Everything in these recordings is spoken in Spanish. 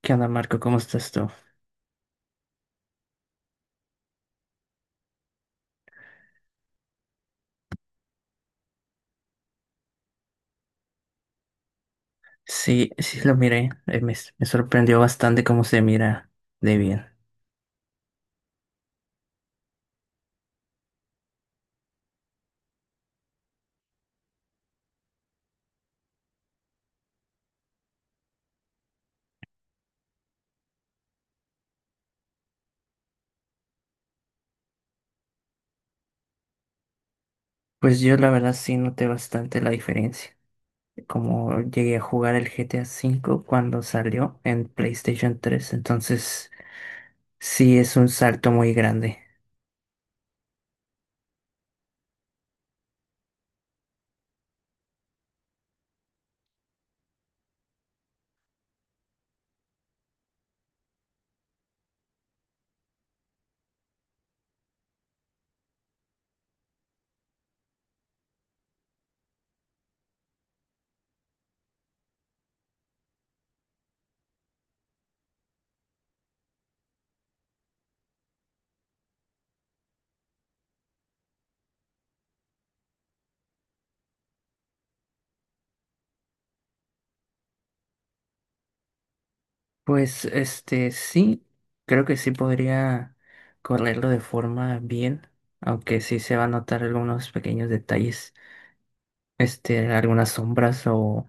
¿Qué onda, Marco? ¿Cómo estás tú? Sí, sí lo miré. Me sorprendió bastante cómo se mira de bien. Pues yo la verdad sí noté bastante la diferencia. Como llegué a jugar el GTA V cuando salió en PlayStation 3, entonces sí es un salto muy grande. Pues sí, creo que sí podría correrlo de forma bien, aunque sí se va a notar algunos pequeños detalles, algunas sombras o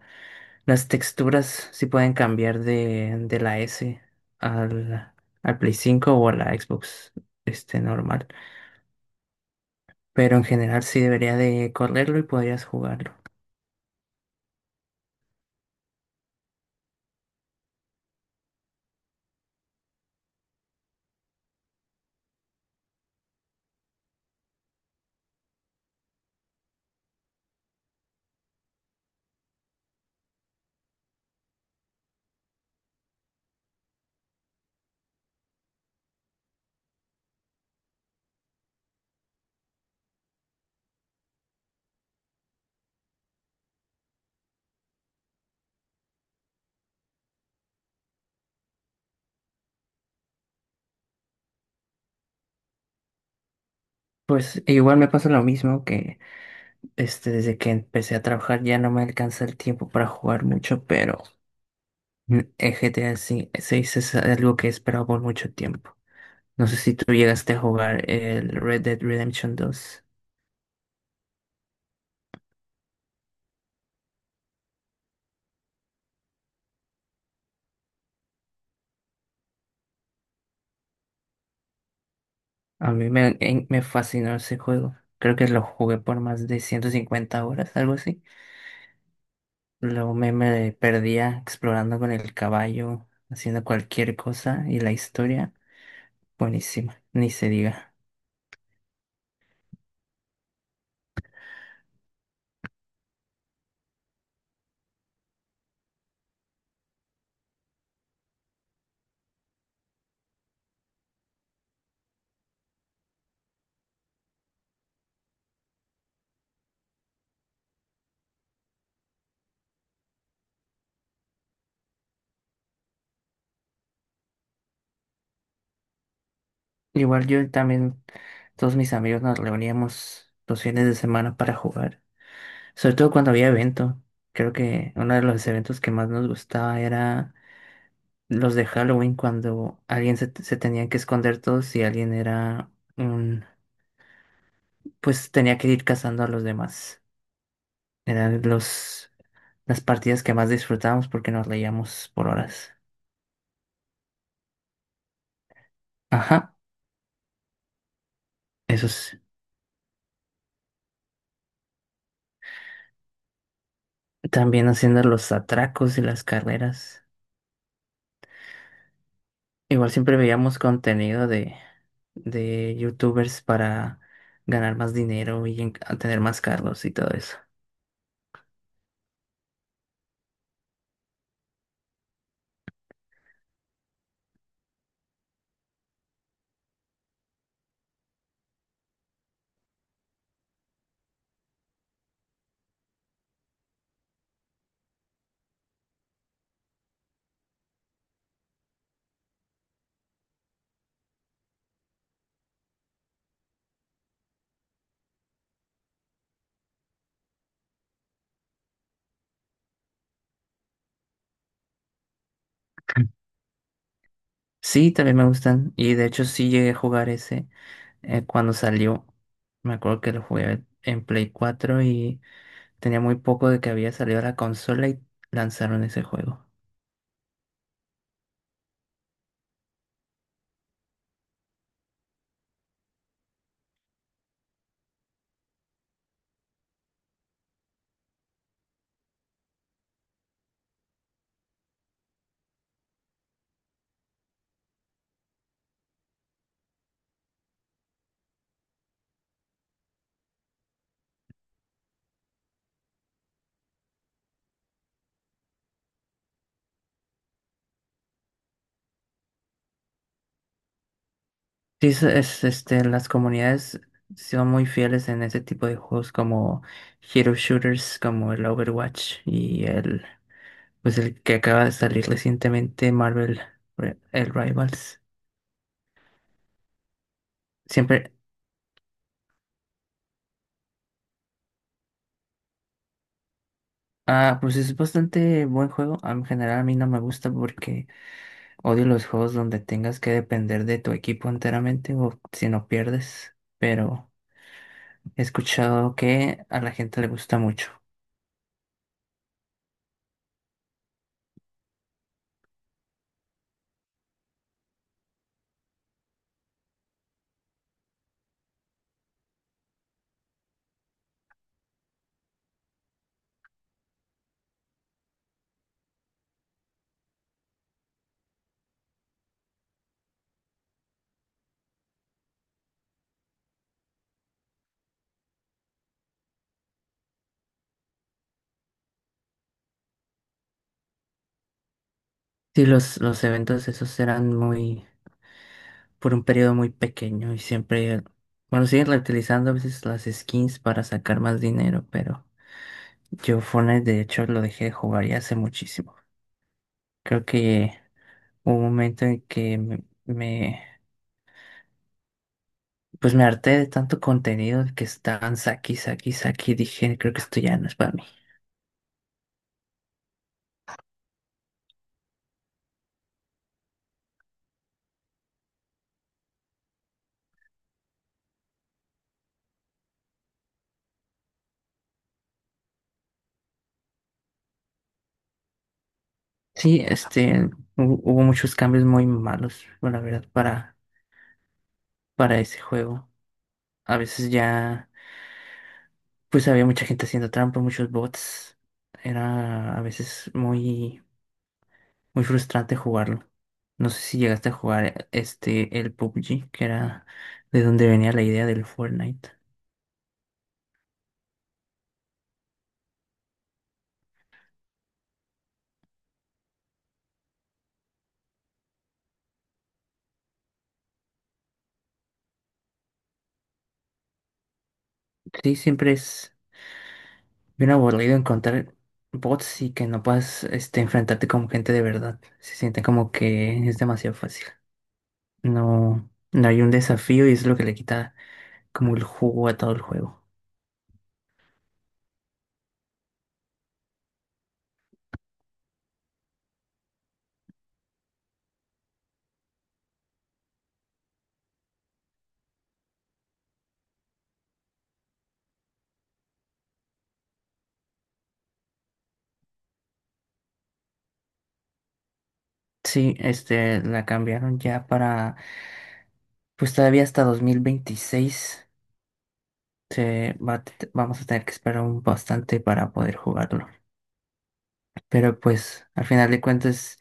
las texturas sí pueden cambiar de la S al, al Play cinco o a la Xbox, normal. Pero en general sí debería de correrlo y podrías jugarlo. Pues igual me pasa lo mismo que desde que empecé a trabajar ya no me alcanza el tiempo para jugar mucho, pero el GTA 6 es algo que he esperado por mucho tiempo. No sé si tú llegaste a jugar el Red Dead Redemption dos. A mí me fascinó ese juego. Creo que lo jugué por más de 150 horas, algo así. Luego me perdía explorando con el caballo, haciendo cualquier cosa. Y la historia, buenísima, ni se diga. Igual yo también, todos mis amigos nos reuníamos los fines de semana para jugar, sobre todo cuando había evento. Creo que uno de los eventos que más nos gustaba era los de Halloween, cuando se tenía que esconder todos y alguien era... un pues tenía que ir cazando a los demás. Eran las partidas que más disfrutábamos porque nos leíamos por horas. Ajá, eso es. También haciendo los atracos y las carreras. Igual siempre veíamos contenido de youtubers para ganar más dinero a tener más carros y todo eso. Sí, también me gustan. Y de hecho sí llegué a jugar ese cuando salió. Me acuerdo que lo jugué en Play cuatro y tenía muy poco de que había salido la consola y lanzaron ese juego. Sí, las comunidades son muy fieles en ese tipo de juegos como Hero Shooters, como el Overwatch y pues el que acaba de salir recientemente, Marvel, el Rivals. Siempre, pues es bastante buen juego. En general a mí no me gusta porque odio los juegos donde tengas que depender de tu equipo enteramente o si no pierdes, pero... he escuchado que a la gente le gusta mucho. Sí, los eventos esos eran muy, por un periodo muy pequeño. Y siempre, bueno, siguen reutilizando a veces las skins para sacar más dinero, pero yo Fortnite de hecho lo dejé de jugar ya hace muchísimo. Creo que hubo un momento en que pues me harté de tanto contenido que estaban saqui, saqui, saqui, dije, creo que esto ya no es para mí. Sí, hubo muchos cambios muy malos, bueno, la verdad, para ese juego. A veces ya, pues había mucha gente haciendo trampa, muchos bots. Era a veces muy frustrante jugarlo. No sé si llegaste a jugar el PUBG, que era de donde venía la idea del Fortnite. Sí, siempre es bien aburrido encontrar bots y que no puedas enfrentarte con gente de verdad. Se siente como que es demasiado fácil. No, no hay un desafío y es lo que le quita como el jugo a todo el juego. Sí, la cambiaron ya para... pues todavía hasta 2026 se va a te- vamos a tener que esperar un bastante para poder jugarlo. Pero pues al final de cuentas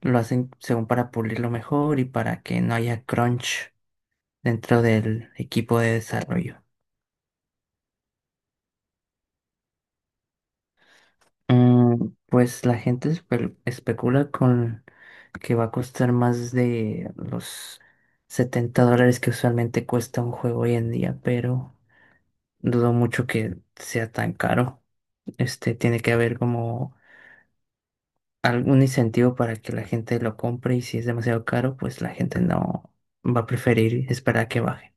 lo hacen según para pulirlo mejor y para que no haya crunch dentro del equipo de desarrollo. Pues la gente especula con que va a costar más de los 70 dólares que usualmente cuesta un juego hoy en día, pero dudo mucho que sea tan caro. Este tiene que haber como algún incentivo para que la gente lo compre, y si es demasiado caro, pues la gente no, va a preferir esperar a que baje.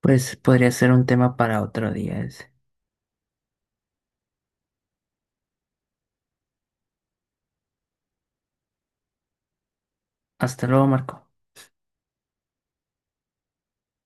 Pues podría ser un tema para otro día ese. Hasta luego, Marco.